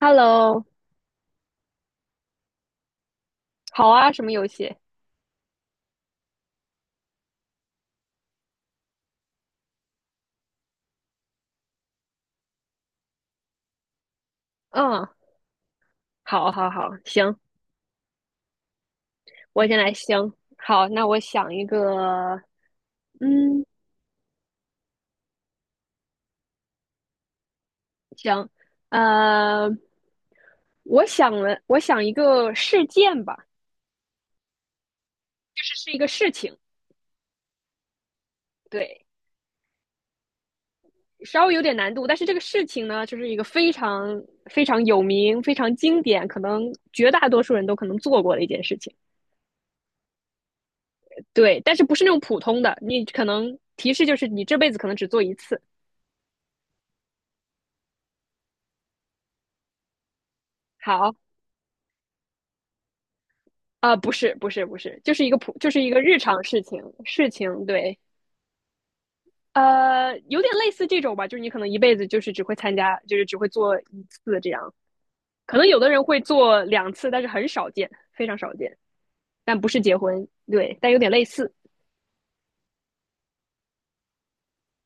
Hello，好啊，什么游戏？嗯，好，好，好，行，我先来，行，好，那我想一个，嗯，行，呃，我想一个事件吧。这是一个事情。对，稍微有点难度，但是这个事情呢，就是一个非常非常有名、非常经典，可能绝大多数人都可能做过的一件事情。对，但是不是那种普通的，你可能提示就是你这辈子可能只做一次。好。啊，不是不是不是，就是一个普，就是一个日常事情，对。有点类似这种吧，就是你可能一辈子就是只会参加，就是只会做一次这样，可能有的人会做两次，但是很少见，非常少见。但不是结婚，对，但有点类似。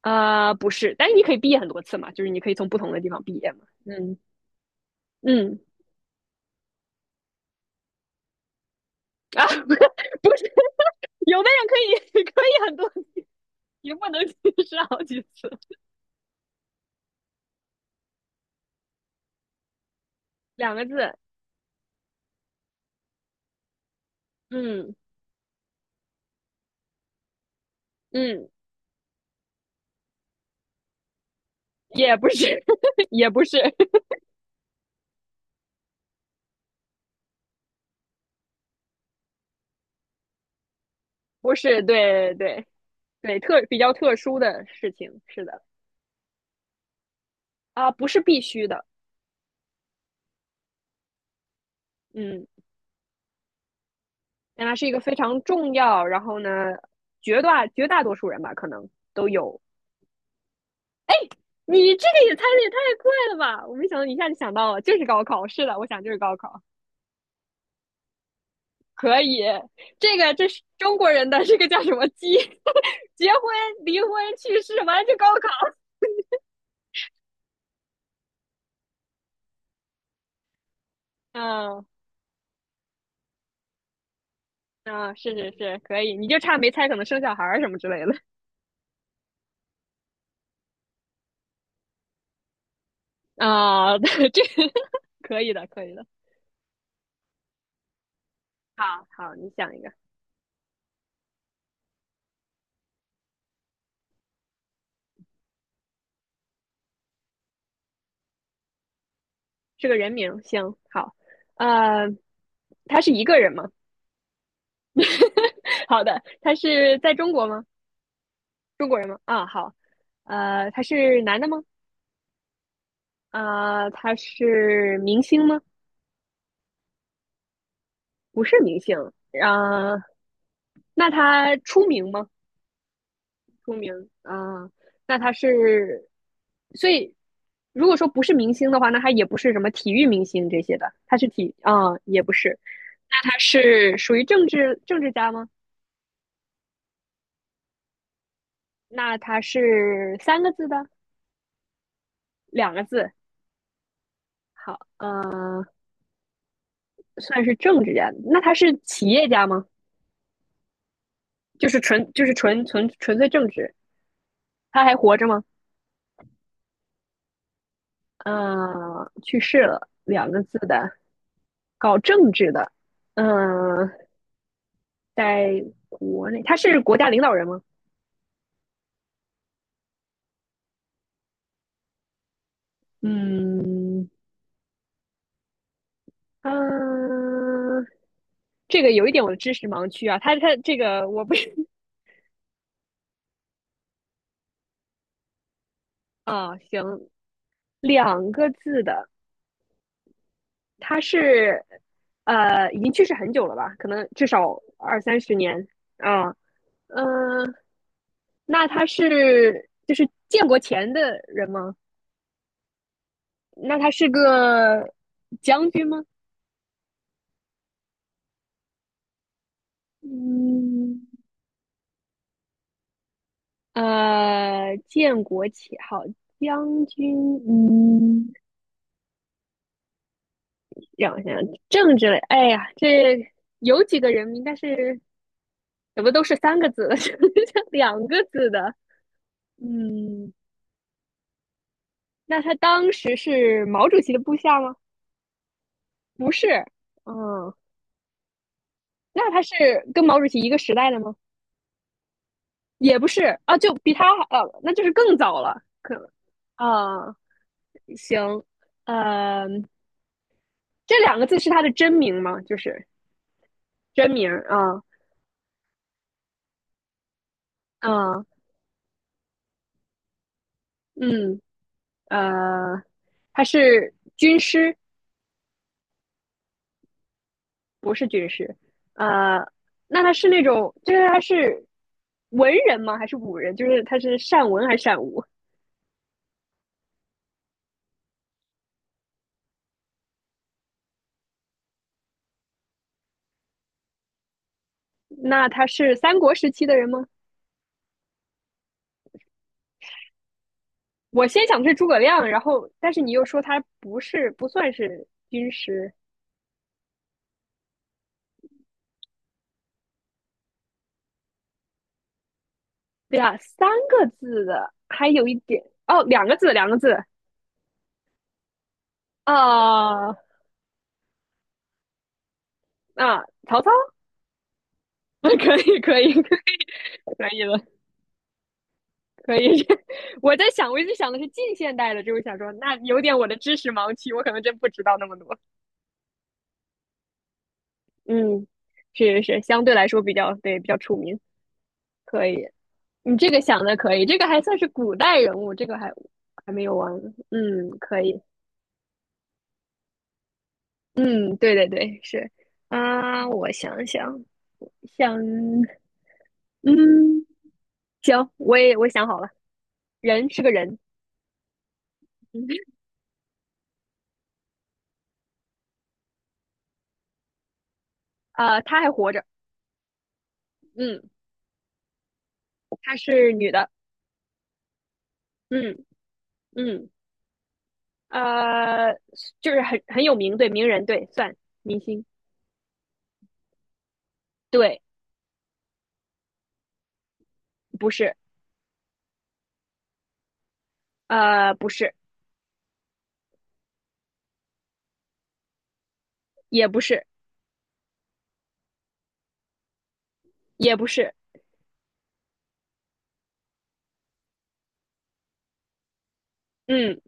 不是，但是你可以毕业很多次嘛，就是你可以从不同的地方毕业嘛。嗯嗯，啊，不是，有的人可以 可以很多，也不能 是好几次。两个字，嗯嗯。也不是，也不是。不是，对对对，比较特殊的事情，是的。啊，不是必须的。嗯，但它是一个非常重要，然后呢，绝大多数人吧，可能都有。你这个也猜的也太快了吧！我没想到你一下就想到了，就是高考，是的，我想就是高考。可以，这个这是中国人的这个叫什么结 结婚、离婚、去世，完了就高考。嗯嗯，是是是，可以，你就差没猜可能生小孩儿什么之类的。啊，这可以的，可以的。好，好，你想一个。是个人名，行，好，呃，他是一个人吗？好的，他是在中国吗？中国人吗？啊，好。他是男的吗？啊，他是明星吗？不是明星。啊，那他出名吗？出名啊，那他是，所以如果说不是明星的话，那他也不是什么体育明星这些的，他是体啊、也不是。那他是属于政治政治家吗？那他是三个字的，两个字，好。算是政治家。那他是企业家吗？就是纯粹政治。他还活着吗？去世了，两个字的，搞政治的。嗯、在国内，他是国家领导人吗？嗯，嗯，这个有一点我的知识盲区啊，他这个我不是 啊，哦行，两个字的，他是已经去世很久了吧？可能至少二三十年啊。嗯，那他是就是建国前的人吗？那他是个将军吗？嗯，建国旗号，将军。嗯，让我想想。政治类，哎呀，这有几个人名，但是怎么都是三个字的，就两个字的。嗯，那他当时是毛主席的部下吗？不是。嗯，那他是跟毛主席一个时代的吗？也不是。啊，就比他好，那就是更早了，可能。啊，行。呃，这两个字是他的真名吗？就是真名啊。嗯嗯，呃，他是军师，不是军师。呃，那他是那种，就是他是文人吗？还是武人？就是他是善文还是善武？那他是三国时期的人吗？我先想的是诸葛亮，然后但是你又说他不是不算是军师。对啊，三个字的，还有一点哦，两个字，两个字。啊、啊，曹操，可以可以可以可以了。可以，我在想，我一直想的是近现代的这种小说，那有点我的知识盲区，我可能真不知道那么多。嗯，是是是，相对来说比较，对，比较出名，可以。你这个想的可以，这个还算是古代人物，这个还没有完。嗯，可以。嗯，对对对，是。啊，我想想，想。嗯，行，我想好了，人是个人。嗯，啊，他还活着。嗯，她是女的。嗯嗯。呃，就是很有名，对，名人，对，算明星，对。不是。不是。也不是。也不是。嗯，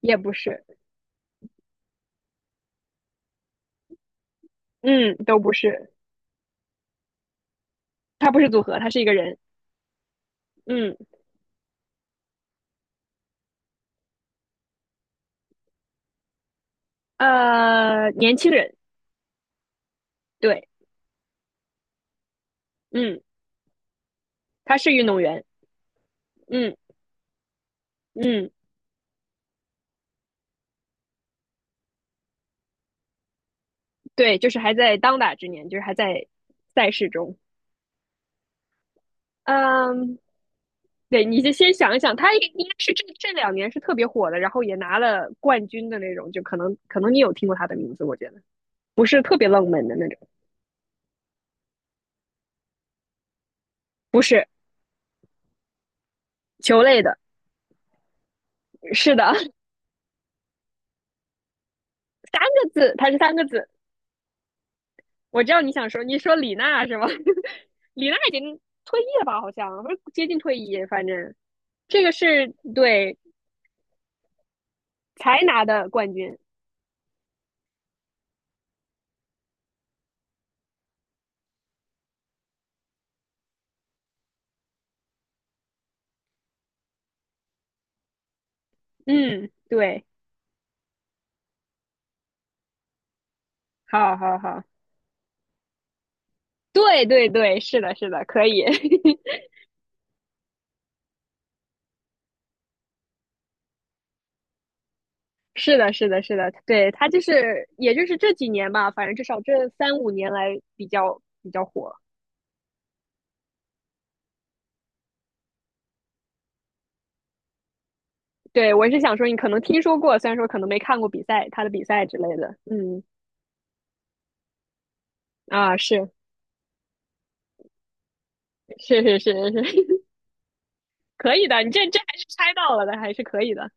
也不是。嗯，都不是。他不是组合，他是一个人。嗯。年轻人，对。嗯，他是运动员。嗯嗯。对，就是还在当打之年，就是还在赛事中。嗯，对，你就先想一想，他应该是这两年是特别火的，然后也拿了冠军的那种，就可能你有听过他的名字，我觉得不是特别冷门的那种。不是球类的，是的。三个字，他是三个字。我知道你想说，你说李娜是吗？李娜已经退役了吧？好像不是接近退役，反正这个是对才拿的冠军。嗯，对，好好好，对对对，是的，是的，可以。是的，是的，是的，对，他就是，也就是这几年吧，反正至少这三五年来比较火。对，我是想说，你可能听说过，虽然说可能没看过比赛，他的比赛之类的。嗯，啊，是是是是是。可以的，你这还是猜到了的，还是可以的。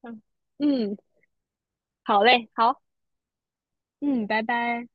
嗯嗯，好嘞，好，嗯，拜拜。